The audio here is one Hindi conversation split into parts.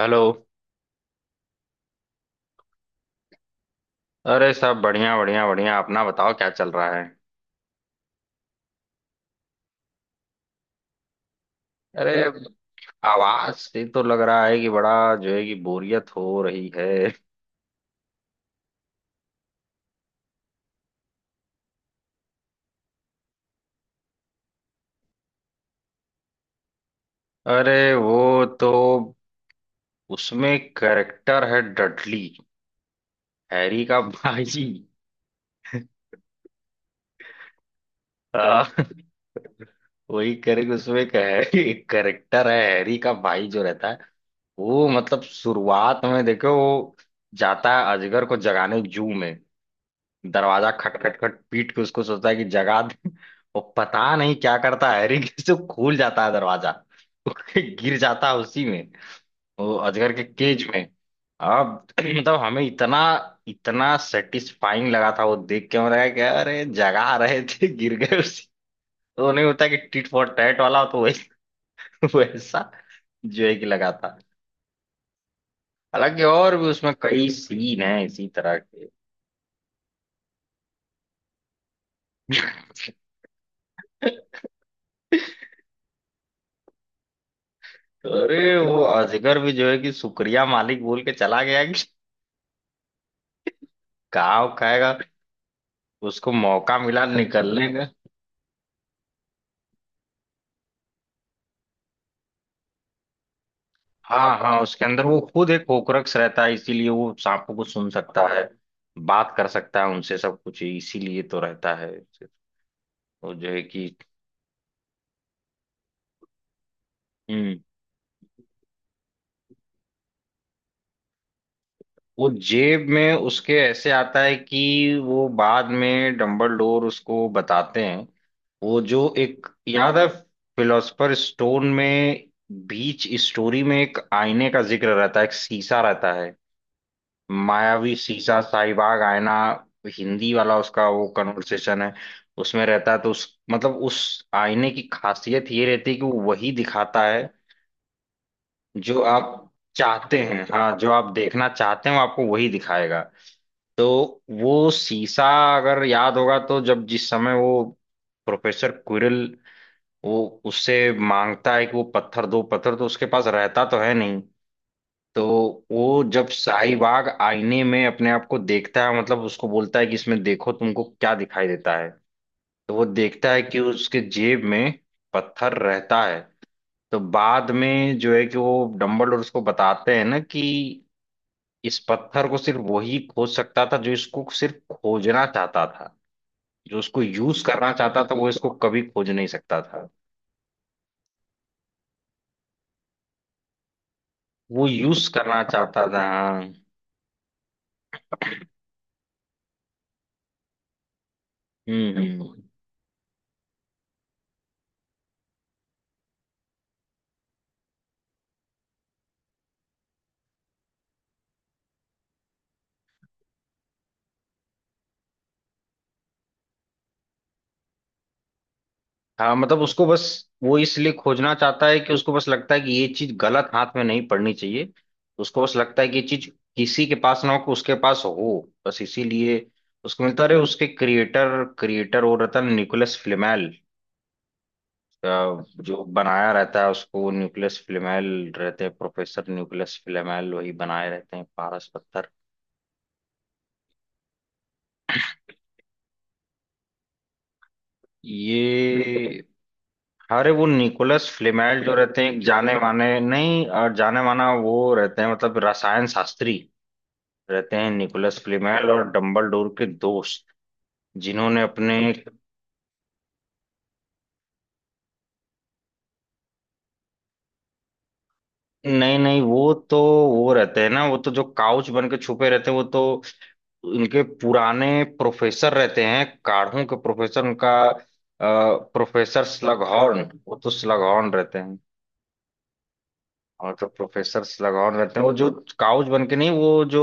हेलो। अरे सब बढ़िया बढ़िया बढ़िया, अपना बताओ क्या चल रहा है? अरे आवाज से तो लग रहा है कि बड़ा जो है कि बोरियत हो रही है। अरे वो तो, उसमें कैरेक्टर है डडली, हैरी का भाई। हाँ वही करेक्ट, उसमें कैरेक्टर है हैरी का भाई जो रहता है। वो मतलब शुरुआत में देखो, वो जाता है अजगर को जगाने जू में, दरवाजा खट खट खट पीट के उसको, सोचता है कि जगा दे। वो पता नहीं क्या करता है हैरी, कैसे खुल जाता है दरवाजा। वो गिर जाता है उसी में, वो अजगर के केज में। अब मतलब हमें इतना इतना सेटिस्फाइंग लगा था वो देख के, हमें लगा कि अरे जगा रहे थे, गिर गए उसी, तो नहीं होता कि टिट फॉर टैट वाला, तो वैसा वैसा जो है कि लगा था। हालांकि और भी उसमें कई सीन हैं इसी तरह के। अरे वो अजगर भी जो है कि शुक्रिया मालिक बोल के चला गया, गाँव खाएगा। उसको मौका मिला निकलने का। हाँ हाँ, उसके अंदर वो खुद एक होकरक्ष रहता है, इसीलिए वो सांपों को सुन सकता है, बात कर सकता है उनसे सब कुछ, इसीलिए तो रहता है वो जो है कि। हम्म। वो जेब में उसके ऐसे आता है कि वो बाद में डंबलडोर उसको बताते हैं, वो जो एक याद है फिलोसफर स्टोन में, बीच स्टोरी में एक आईने का जिक्र रहता है, एक शीशा रहता है, मायावी शीशा शाहीबाग आईना, हिंदी वाला उसका वो कन्वर्सेशन है। उसमें रहता है, तो उस आईने की खासियत ये रहती है कि वो वही दिखाता है जो आप चाहते हैं, हाँ जो आप देखना चाहते हैं वो आपको वही दिखाएगा। तो वो शीशा, अगर याद होगा तो जब जिस समय वो प्रोफेसर क्विरल, वो उससे मांगता है कि वो पत्थर दो, पत्थर तो उसके पास रहता तो है नहीं, तो वो जब शाहीबाग आईने में अपने आप को देखता है, मतलब उसको बोलता है कि इसमें देखो तुमको क्या दिखाई देता है, तो वो देखता है कि उसके जेब में पत्थर रहता है। तो बाद में जो है कि वो डम्बलडोर उसको बताते हैं ना कि इस पत्थर को सिर्फ वही खोज सकता था जो इसको सिर्फ खोजना चाहता था, जो उसको यूज करना चाहता था वो इसको कभी खोज नहीं सकता था। वो यूज करना चाहता था, हाँ। हम्म हम्म। हाँ मतलब उसको बस, वो इसलिए खोजना चाहता है कि उसको बस लगता है कि ये चीज गलत हाथ में नहीं पड़नी चाहिए, उसको बस लगता है कि ये चीज किसी के पास ना हो कि उसके पास हो, बस इसीलिए उसको मिलता रहे। उसके क्रिएटर क्रिएटर वो रहता है निकोलस फ्लेमेल। अ, जो बनाया रहता है उसको निकोलस फ्लेमेल, रहते हैं प्रोफेसर निकोलस फ्लेमेल, वही बनाए रहते हैं पारस पत्थर ये। अरे वो निकोलस फ्लेमेल जो रहते हैं एक जाने माने, नहीं जाने माना, वो रहते हैं मतलब रसायन शास्त्री, रहते हैं निकोलस फ्लीमेल और डम्बलडोर के दोस्त, जिन्होंने अपने, नहीं नहीं, वो तो वो रहते हैं ना, वो तो जो काउच बन के छुपे रहते हैं वो तो इनके पुराने प्रोफेसर रहते हैं, काढ़ों के प्रोफेसर, उनका प्रोफेसर स्लगहॉर्न, वो तो स्लगहॉर्न रहते हैं। और तो प्रोफेसर्स लगान रहते हैं वो जो काउच बन के, नहीं वो जो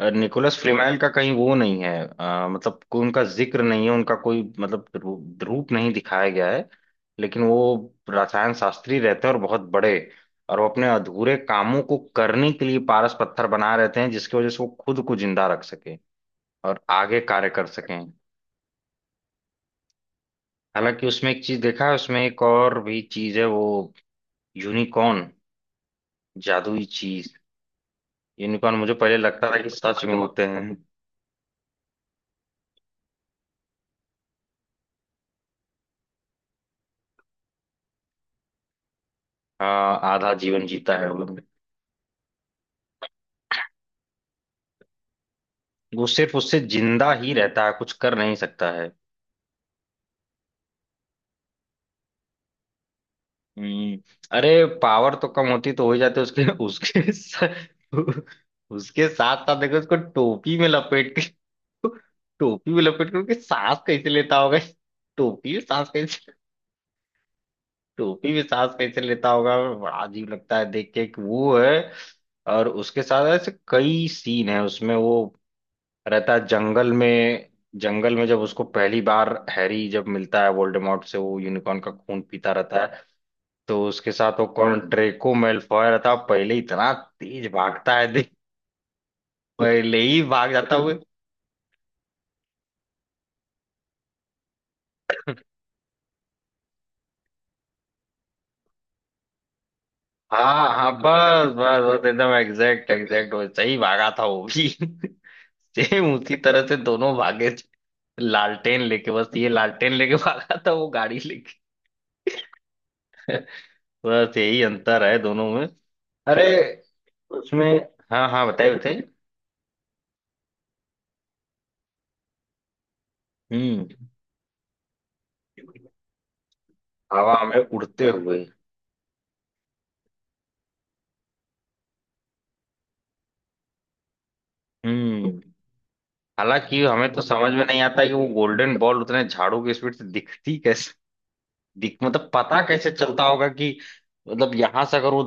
निकोलस फ्रीमेल का कहीं वो नहीं है, मतलब कोई उनका जिक्र नहीं है, उनका कोई मतलब रूप नहीं दिखाया गया है। लेकिन वो रसायन शास्त्री रहते हैं और बहुत बड़े, और वो अपने अधूरे कामों को करने के लिए पारस पत्थर बना रहते हैं जिसकी वजह से वो खुद को जिंदा रख सके और आगे कार्य कर सकें। हालांकि उसमें एक चीज देखा है, उसमें एक और भी चीज है वो, यूनिकॉर्न, जादुई चीज। यूनिकॉर्न मुझे पहले लगता था कि सच में होते हैं। हाँ आधा जीवन जीता है वो सिर्फ उससे जिंदा ही रहता है, कुछ कर नहीं सकता है। हम्म। अरे पावर तो कम होती तो हो ही जाते, उसके उसके उसके साथ साथ देखो उसको टोपी में लपेट के, टोपी में लपेट के उसके सांस कैसे लेता होगा, टोपी में सांस कैसे, टोपी में सांस कैसे लेता होगा, बड़ा अजीब लगता है देख के कि वो है। और उसके साथ ऐसे कई सीन है उसमें वो, रहता है जंगल में, जंगल में जब उसको पहली बार हैरी जब मिलता है वोल्डेमॉर्ट से, वो यूनिकॉर्न का खून पीता रहता है। तो उसके साथ वो कौन ड्रेको मैलफॉय रहता है, पहले इतना तेज भागता है देख, पहले ही भाग जाता हुआ। हाँ हाँ, बस बस बस एकदम एग्जैक्ट एग्जैक्ट वैसे ही भागा था वो भी। सेम उसी तरह से दोनों भागे थे, लालटेन लेके बस, ये लालटेन लेके भागा था वो गाड़ी लेके। बस यही अंतर है दोनों में। अरे उसमें, हाँ हाँ बताइए बताइए। हम्म। हवा में उड़ते हुए। हम्म। हालांकि हमें तो समझ में नहीं आता कि वो गोल्डन बॉल उतने झाड़ू की स्पीड से दिखती कैसे, दिख मतलब पता कैसे चलता होगा कि, मतलब यहां से अगर वो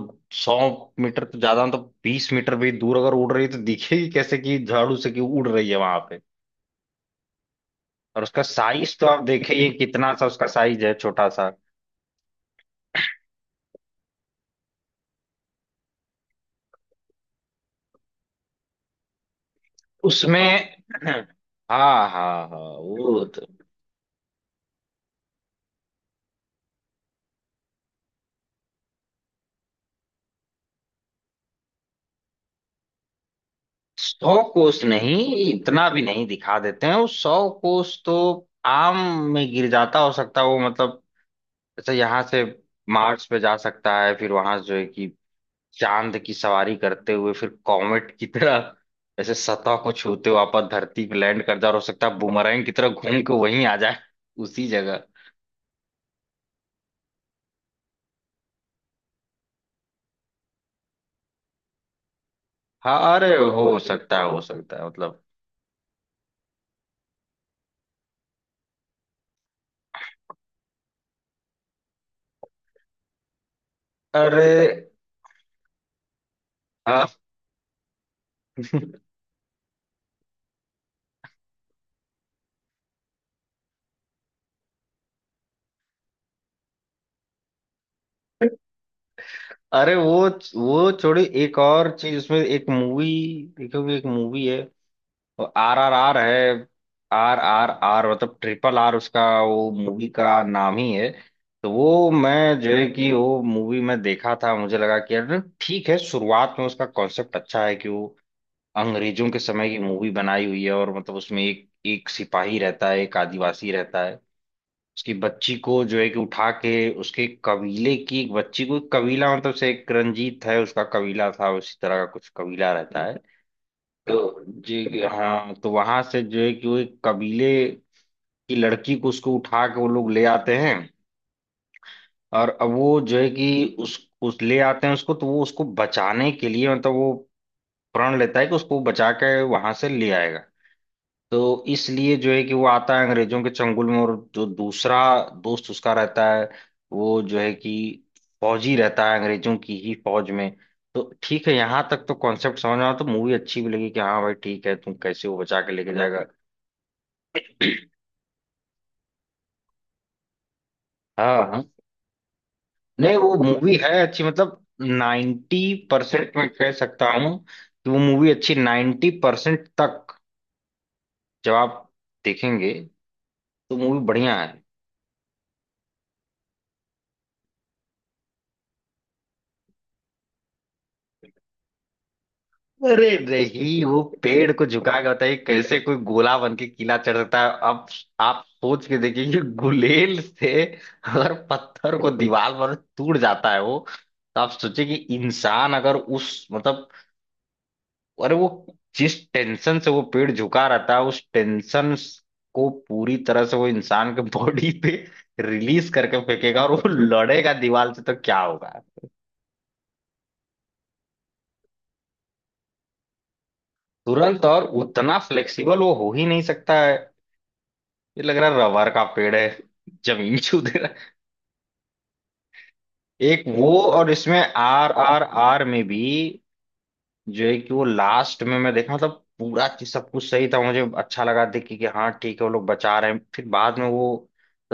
100 मीटर तो ज्यादा तो, 20 मीटर भी दूर अगर उड़ रही है तो दिखेगी कैसे कि झाड़ू से कि उड़ रही है वहां पे, और उसका साइज तो आप देखिए कितना सा उसका साइज है, छोटा सा। उसमें हाँ हाँ हाँ वो तो, सौ कोस नहीं, इतना भी नहीं दिखा देते हैं, वो सौ कोस तो आम में गिर जाता, हो सकता है वो मतलब, जैसे यहाँ से मार्स पे जा सकता है, फिर वहां जो है कि चांद की सवारी करते हुए फिर कॉमेट की तरह ऐसे सतह को छूते हुए वापस धरती पे लैंड कर जाए, और हो सकता है बूमरैंग की तरह घूम के वहीं आ जाए, उसी जगह। हाँ अरे हो सकता है, हो सकता है मतलब। अरे हाँ, अरे वो छोड़ी, एक और चीज उसमें, एक मूवी देखोगे, एक मूवी है RRR है, RRR मतलब RRR, उसका वो मूवी का नाम ही है। तो वो मैं जो है कि वो मूवी में देखा था, मुझे लगा कि यार ठीक है, शुरुआत में उसका कॉन्सेप्ट अच्छा है कि वो अंग्रेजों के समय की मूवी बनाई हुई है, और मतलब उसमें एक एक सिपाही रहता है, एक आदिवासी रहता है। उसकी बच्ची को जो है कि उठा के, उसके कबीले की एक बच्ची को, कबीला मतलब से एक रंजीत है उसका कबीला था उसी तरह का कुछ कबीला रहता है, तो जी हाँ, तो वहां से जो है कि वो एक कबीले की लड़की को उसको उठा के वो लोग ले आते हैं। और अब वो जो है कि उस ले आते हैं उसको, तो वो उसको बचाने के लिए मतलब वो प्रण लेता है कि उसको बचा के वहां से ले आएगा, तो इसलिए जो है कि वो आता है अंग्रेजों के चंगुल में, और जो दूसरा दोस्त उसका रहता है, वो जो है कि फौजी रहता है अंग्रेजों की ही फौज में। तो ठीक है, यहाँ तक तो कॉन्सेप्ट समझ में आया, तो मूवी अच्छी भी लगी कि हाँ भाई ठीक है, तुम कैसे वो बचा के लेके जाएगा। हाँ हाँ। नहीं वो मूवी है अच्छी, मतलब 90% मैं कह सकता हूँ कि वो मूवी अच्छी 90% तक, जब आप देखेंगे तो मूवी बढ़िया है। अरे रही वो पेड़ को झुका के, बताइए कैसे कोई गोला बन के किला चढ़ सकता है अब, आप सोच के देखिए कि गुलेल से अगर पत्थर को दीवार पर टूट जाता है वो, तो आप सोचिए कि इंसान अगर उस मतलब, और वो जिस टेंशन से वो पेड़ झुका रहता है उस टेंशन को पूरी तरह से वो इंसान के बॉडी पे रिलीज करके फेंकेगा, और वो लड़ेगा दीवार से तो क्या होगा, तुरंत। और उतना फ्लेक्सिबल वो हो ही नहीं सकता है, ये लग रहा है रबर का पेड़ है, जमीन छू दे रहा है। एक वो, और इसमें RRR में भी जो है कि वो लास्ट में मैं देखा, मतलब पूरा चीज सब कुछ सही था, मुझे अच्छा लगा देख के कि हाँ ठीक है, वो लोग बचा रहे हैं फिर बाद में वो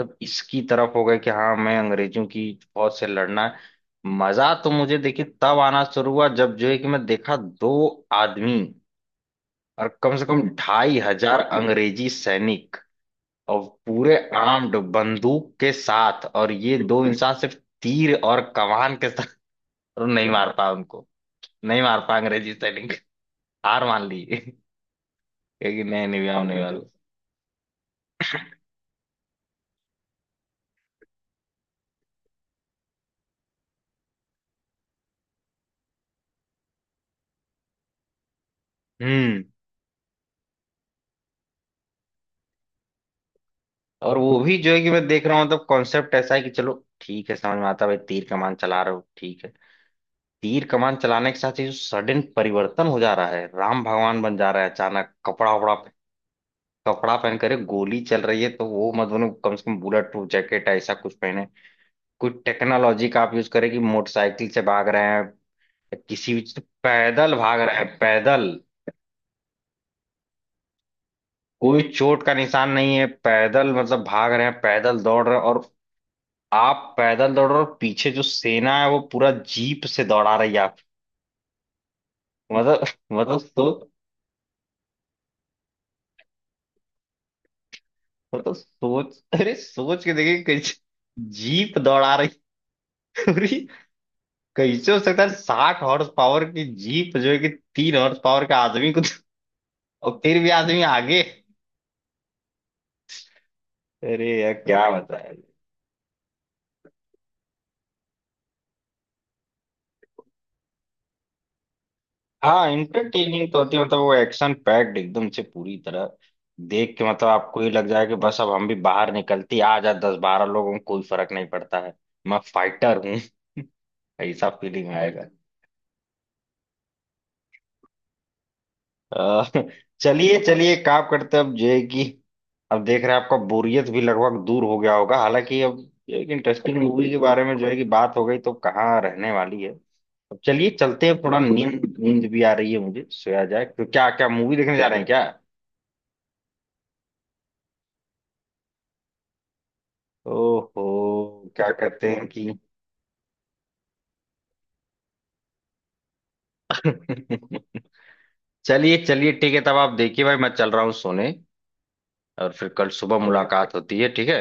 मतलब इसकी तरफ हो गए कि हाँ मैं अंग्रेजों की फौज से लड़ना है। मजा तो मुझे देखिए तब आना शुरू हुआ जब जो है कि मैं देखा दो आदमी और कम से कम 2500 अंग्रेजी सैनिक, और पूरे आर्म्ड बंदूक के साथ, और ये दो इंसान सिर्फ तीर और कमान के साथ, नहीं मार पाया उनको, नहीं मार पाया अंग्रेजी सैनिक, हार मान ली है कि नहीं निविया होने वाला। हम्म। और वो भी जो है कि मैं देख रहा हूँ मतलब कॉन्सेप्ट ऐसा है कि, चलो ठीक है समझ में आता है भाई, तीर कमान चला रहे हो ठीक है, तीर कमान चलाने के साथ ही जो सडन परिवर्तन हो जा रहा है, राम भगवान बन जा रहा है अचानक, कपड़ा वपड़ा कपड़ा पहन कर गोली चल रही है तो वो मत बनो, कम से कम बुलेट प्रूफ जैकेट ऐसा कुछ पहने, कुछ टेक्नोलॉजी का आप यूज करें, कि मोटरसाइकिल से भाग रहे हैं या किसी भी से, पैदल भाग रहे हैं पैदल, कोई चोट का निशान नहीं है, पैदल मतलब भाग रहे हैं पैदल दौड़ रहे हैं, और आप पैदल दौड़ रहे हो और पीछे जो सेना है वो पूरा जीप से दौड़ा रही है आप, मतलब, मतलब सो सोच अरे सोच के देखिए, कैसे जीप दौड़ा रही है। अरे कैसे हो सकता है 60 हॉर्स पावर की जीप जो है कि 3 हॉर्स पावर का आदमी को, और फिर भी आदमी आगे, अरे यार क्या बताए। हाँ इंटरटेनिंग तो होती है, मतलब वो एक्शन पैक्ड एकदम से पूरी तरह, देख के मतलब आपको ये लग जाए कि बस अब हम भी बाहर निकलती आ जा, 10-12 लोगों को कोई फर्क नहीं पड़ता है, मैं फाइटर हूँ। ऐसा फीलिंग आएगा। अ, चलिए चलिए एक काम करते हैं, अब जो है कि अब देख रहे हैं आपका बोरियत भी लगभग दूर हो गया होगा, हालांकि अब ये एक इंटरेस्टिंग मूवी के बारे में जो है कि बात हो गई, तो कहाँ रहने वाली है। अब चलिए चलते हैं, थोड़ा नींद नींद भी आ रही है मुझे, सोया जाए, तो क्या क्या मूवी देखने जा रहे हैं क्या? ओहो क्या कहते हैं कि। चलिए चलिए ठीक है, तब आप देखिए भाई, मैं चल रहा हूँ सोने, और फिर कल सुबह मुलाकात होती है, ठीक है।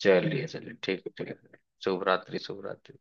चलिए चलिए ठीक है, ठीक है शुभ रात्रि, शुभ रात्रि।